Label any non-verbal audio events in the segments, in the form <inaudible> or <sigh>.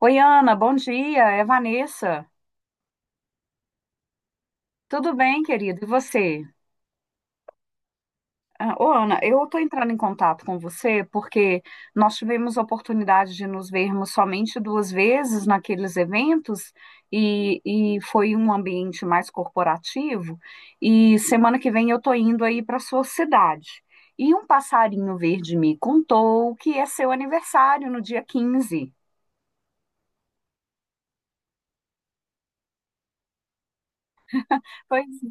Oi, Ana, bom dia. É Vanessa. Tudo bem, querido? E você? Ah, ô, Ana, eu estou entrando em contato com você porque nós tivemos a oportunidade de nos vermos somente duas vezes naqueles eventos e, e foi um ambiente mais corporativo. E semana que vem eu estou indo aí para sua cidade. E um passarinho verde me contou que é seu aniversário no dia 15. <laughs>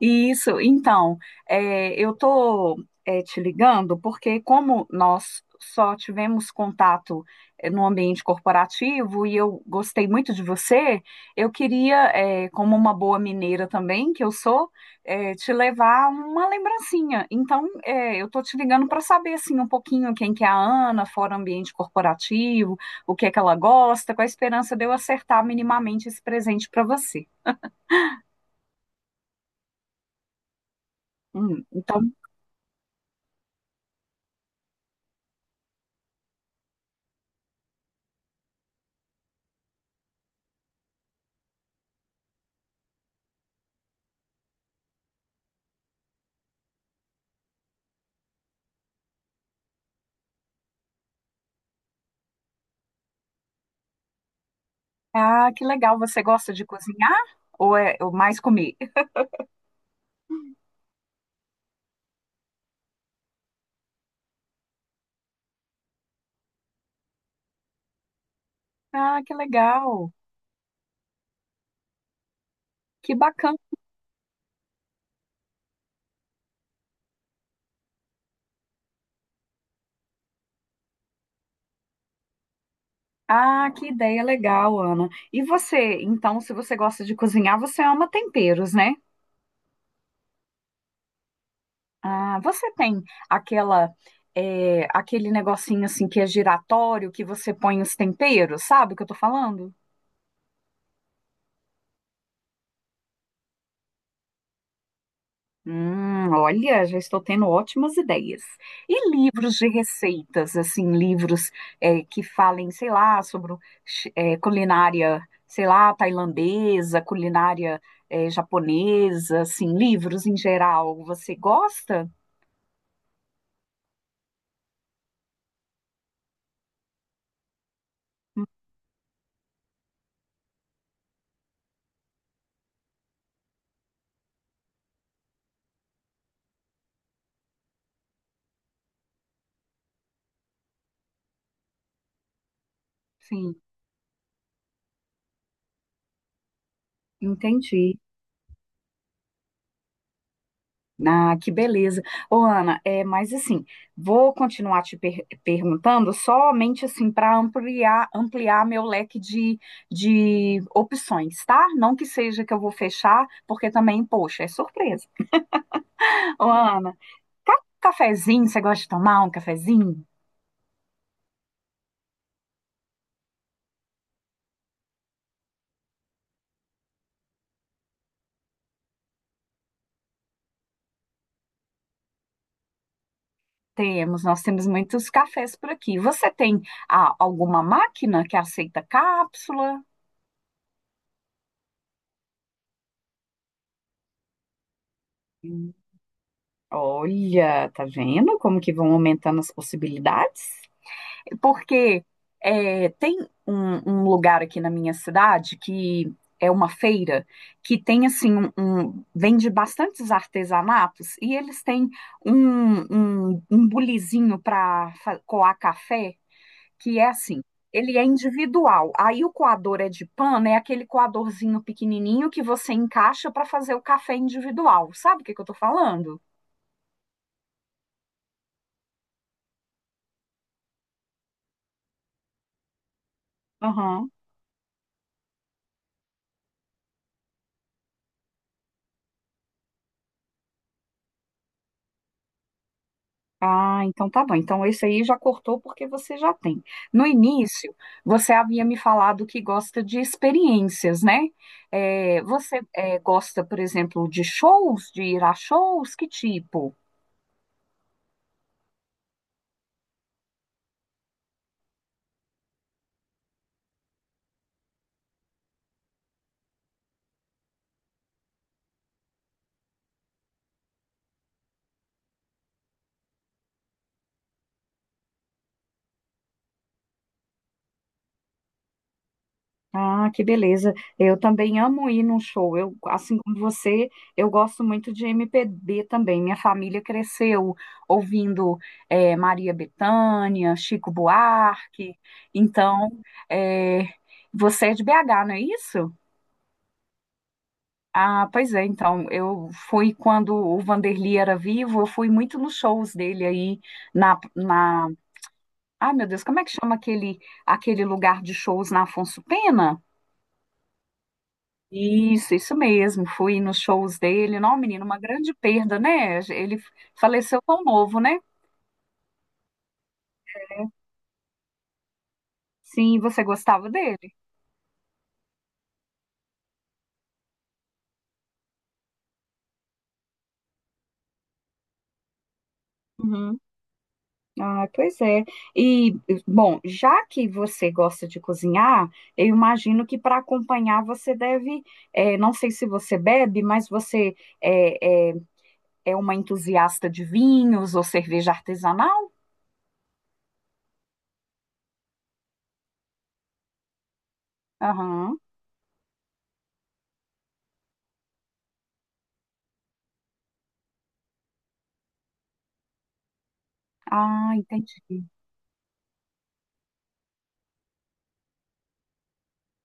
Isso, então, eu estou te ligando porque, como nós só tivemos contato no ambiente corporativo e eu gostei muito de você, eu queria, como uma boa mineira também, que eu sou, te levar uma lembrancinha. Então, eu estou te ligando para saber assim, um pouquinho quem que é a Ana, fora ambiente corporativo, o que é que ela gosta, com a esperança de eu acertar minimamente esse presente para você. Então. Ah, que legal. Você gosta de cozinhar ou mais comer? Ah, que legal. Que bacana. Ah, que ideia legal, Ana. E você, então, se você gosta de cozinhar, você ama temperos, né? Ah, você tem aquela aquele negocinho assim que é giratório que você põe os temperos, sabe o que eu tô falando? Olha, já estou tendo ótimas ideias. E livros de receitas, assim, livros que falem, sei lá, sobre o culinária, sei lá, tailandesa, culinária japonesa, assim, livros em geral. Você gosta? Hum, Sim, entendi. Ah, que beleza. Ô, Ana, mas assim, vou continuar te perguntando somente assim para ampliar meu leque de opções, tá? Não que seja que eu vou fechar, porque também, poxa, é surpresa. Ô, Ana, cafezinho, você gosta de tomar um cafezinho? Temos, nós temos muitos cafés por aqui. Você tem alguma máquina que aceita cápsula? Hum, Olha, tá vendo como que vão aumentando as possibilidades? Porque tem um lugar aqui na minha cidade que é uma feira que tem assim vende bastantes artesanatos e eles têm um bulizinho para coar café que é assim. Ele é individual. Aí o coador é de pano, é aquele coadorzinho pequenininho que você encaixa para fazer o café individual. Sabe o que que eu tô falando? Aham. Ah, então tá bom. Então esse aí já cortou porque você já tem. No início, você havia me falado que gosta de experiências, né? Você gosta, por exemplo, de shows, de ir a shows? Que tipo? Ah, que beleza. Eu também amo ir num show. Eu, assim como você, eu gosto muito de MPB também. Minha família cresceu ouvindo Maria Bethânia, Chico Buarque. Então, é, você é de BH, não é isso? Ah, pois é, então, eu fui quando o Vanderlei era vivo, eu fui muito nos shows dele aí na. Ah, meu Deus, como é que chama aquele, lugar de shows na Afonso Pena? Isso mesmo, fui nos shows dele. Não, menino, uma grande perda, né? Ele faleceu tão novo, né? Sim, você gostava dele? Uhum. Ah, pois é. E, bom, já que você gosta de cozinhar, eu imagino que para acompanhar você deve, não sei se você bebe, mas você é, é, é uma entusiasta de vinhos ou cerveja artesanal? Aham. Ah, entendi.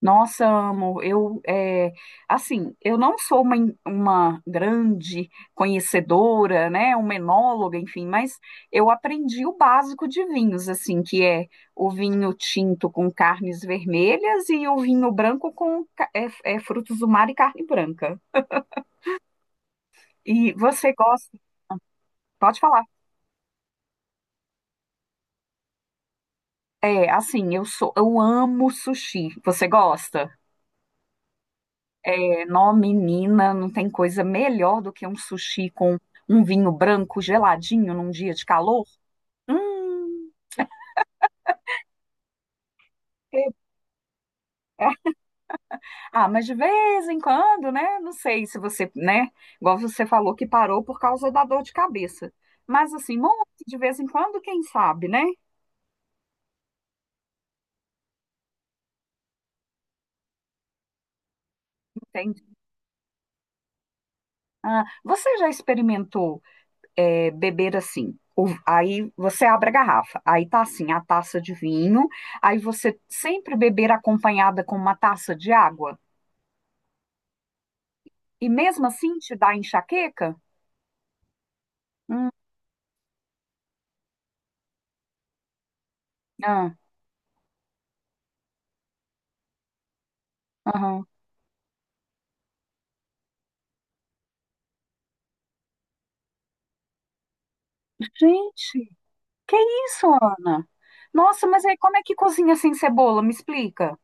Nossa, amo. Eu, assim, eu não sou uma grande conhecedora, né, uma enóloga, enfim, mas eu aprendi o básico de vinhos, assim, que é o vinho tinto com carnes vermelhas e o vinho branco com frutos do mar e carne branca. E você gosta? Pode falar. É, assim, eu amo sushi. Você gosta? Nó, menina, não tem coisa melhor do que um sushi com um vinho branco geladinho num dia de calor. Hum, é- é. Ah, mas de vez em quando, né? Não sei se você, né? Igual você falou que parou por causa da dor de cabeça. Mas assim, muito de vez em quando, quem sabe, né? Entende? Ah, você já experimentou beber assim? Aí você abre a garrafa, aí tá assim, a taça de vinho, aí você sempre beber acompanhada com uma taça de água? E mesmo assim te dá enxaqueca? Hum, ah, aham. Gente, que isso, Ana? Nossa, mas aí como é que cozinha sem cebola? Me explica.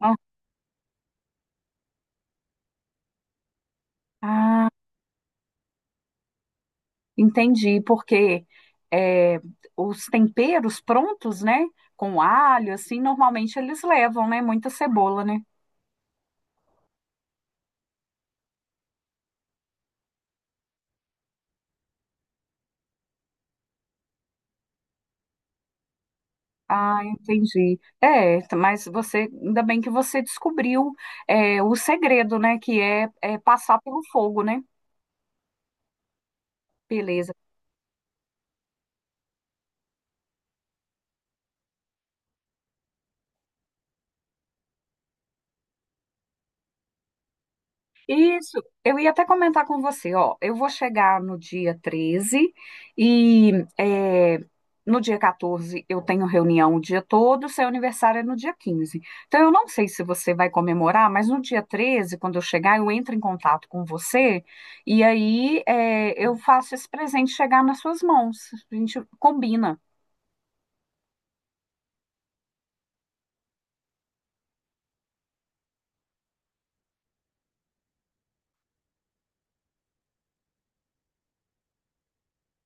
Ah, ah, entendi, porque é, os temperos prontos, né? Com alho, assim, normalmente eles levam, né? Muita cebola, né? Ah, entendi. É, mas você, ainda bem que você descobriu o segredo, né? Que é passar pelo fogo, né? Beleza. Isso, eu ia até comentar com você, ó, eu vou chegar no dia 13 e é, no dia 14 eu tenho reunião o dia todo, seu aniversário é no dia 15. Então eu não sei se você vai comemorar, mas no dia 13, quando eu chegar, eu entro em contato com você e aí eu faço esse presente chegar nas suas mãos. A gente combina.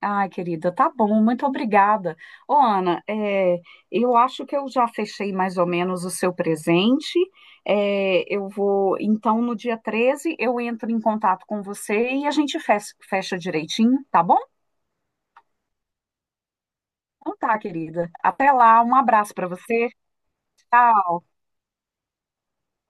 Ai, querida, tá bom, muito obrigada. Ô, Ana, eu acho que eu já fechei mais ou menos o seu presente. Eu vou, então, no dia 13 eu entro em contato com você e a gente fecha direitinho, tá bom? Então tá, querida. Até lá, um abraço pra você. Tchau.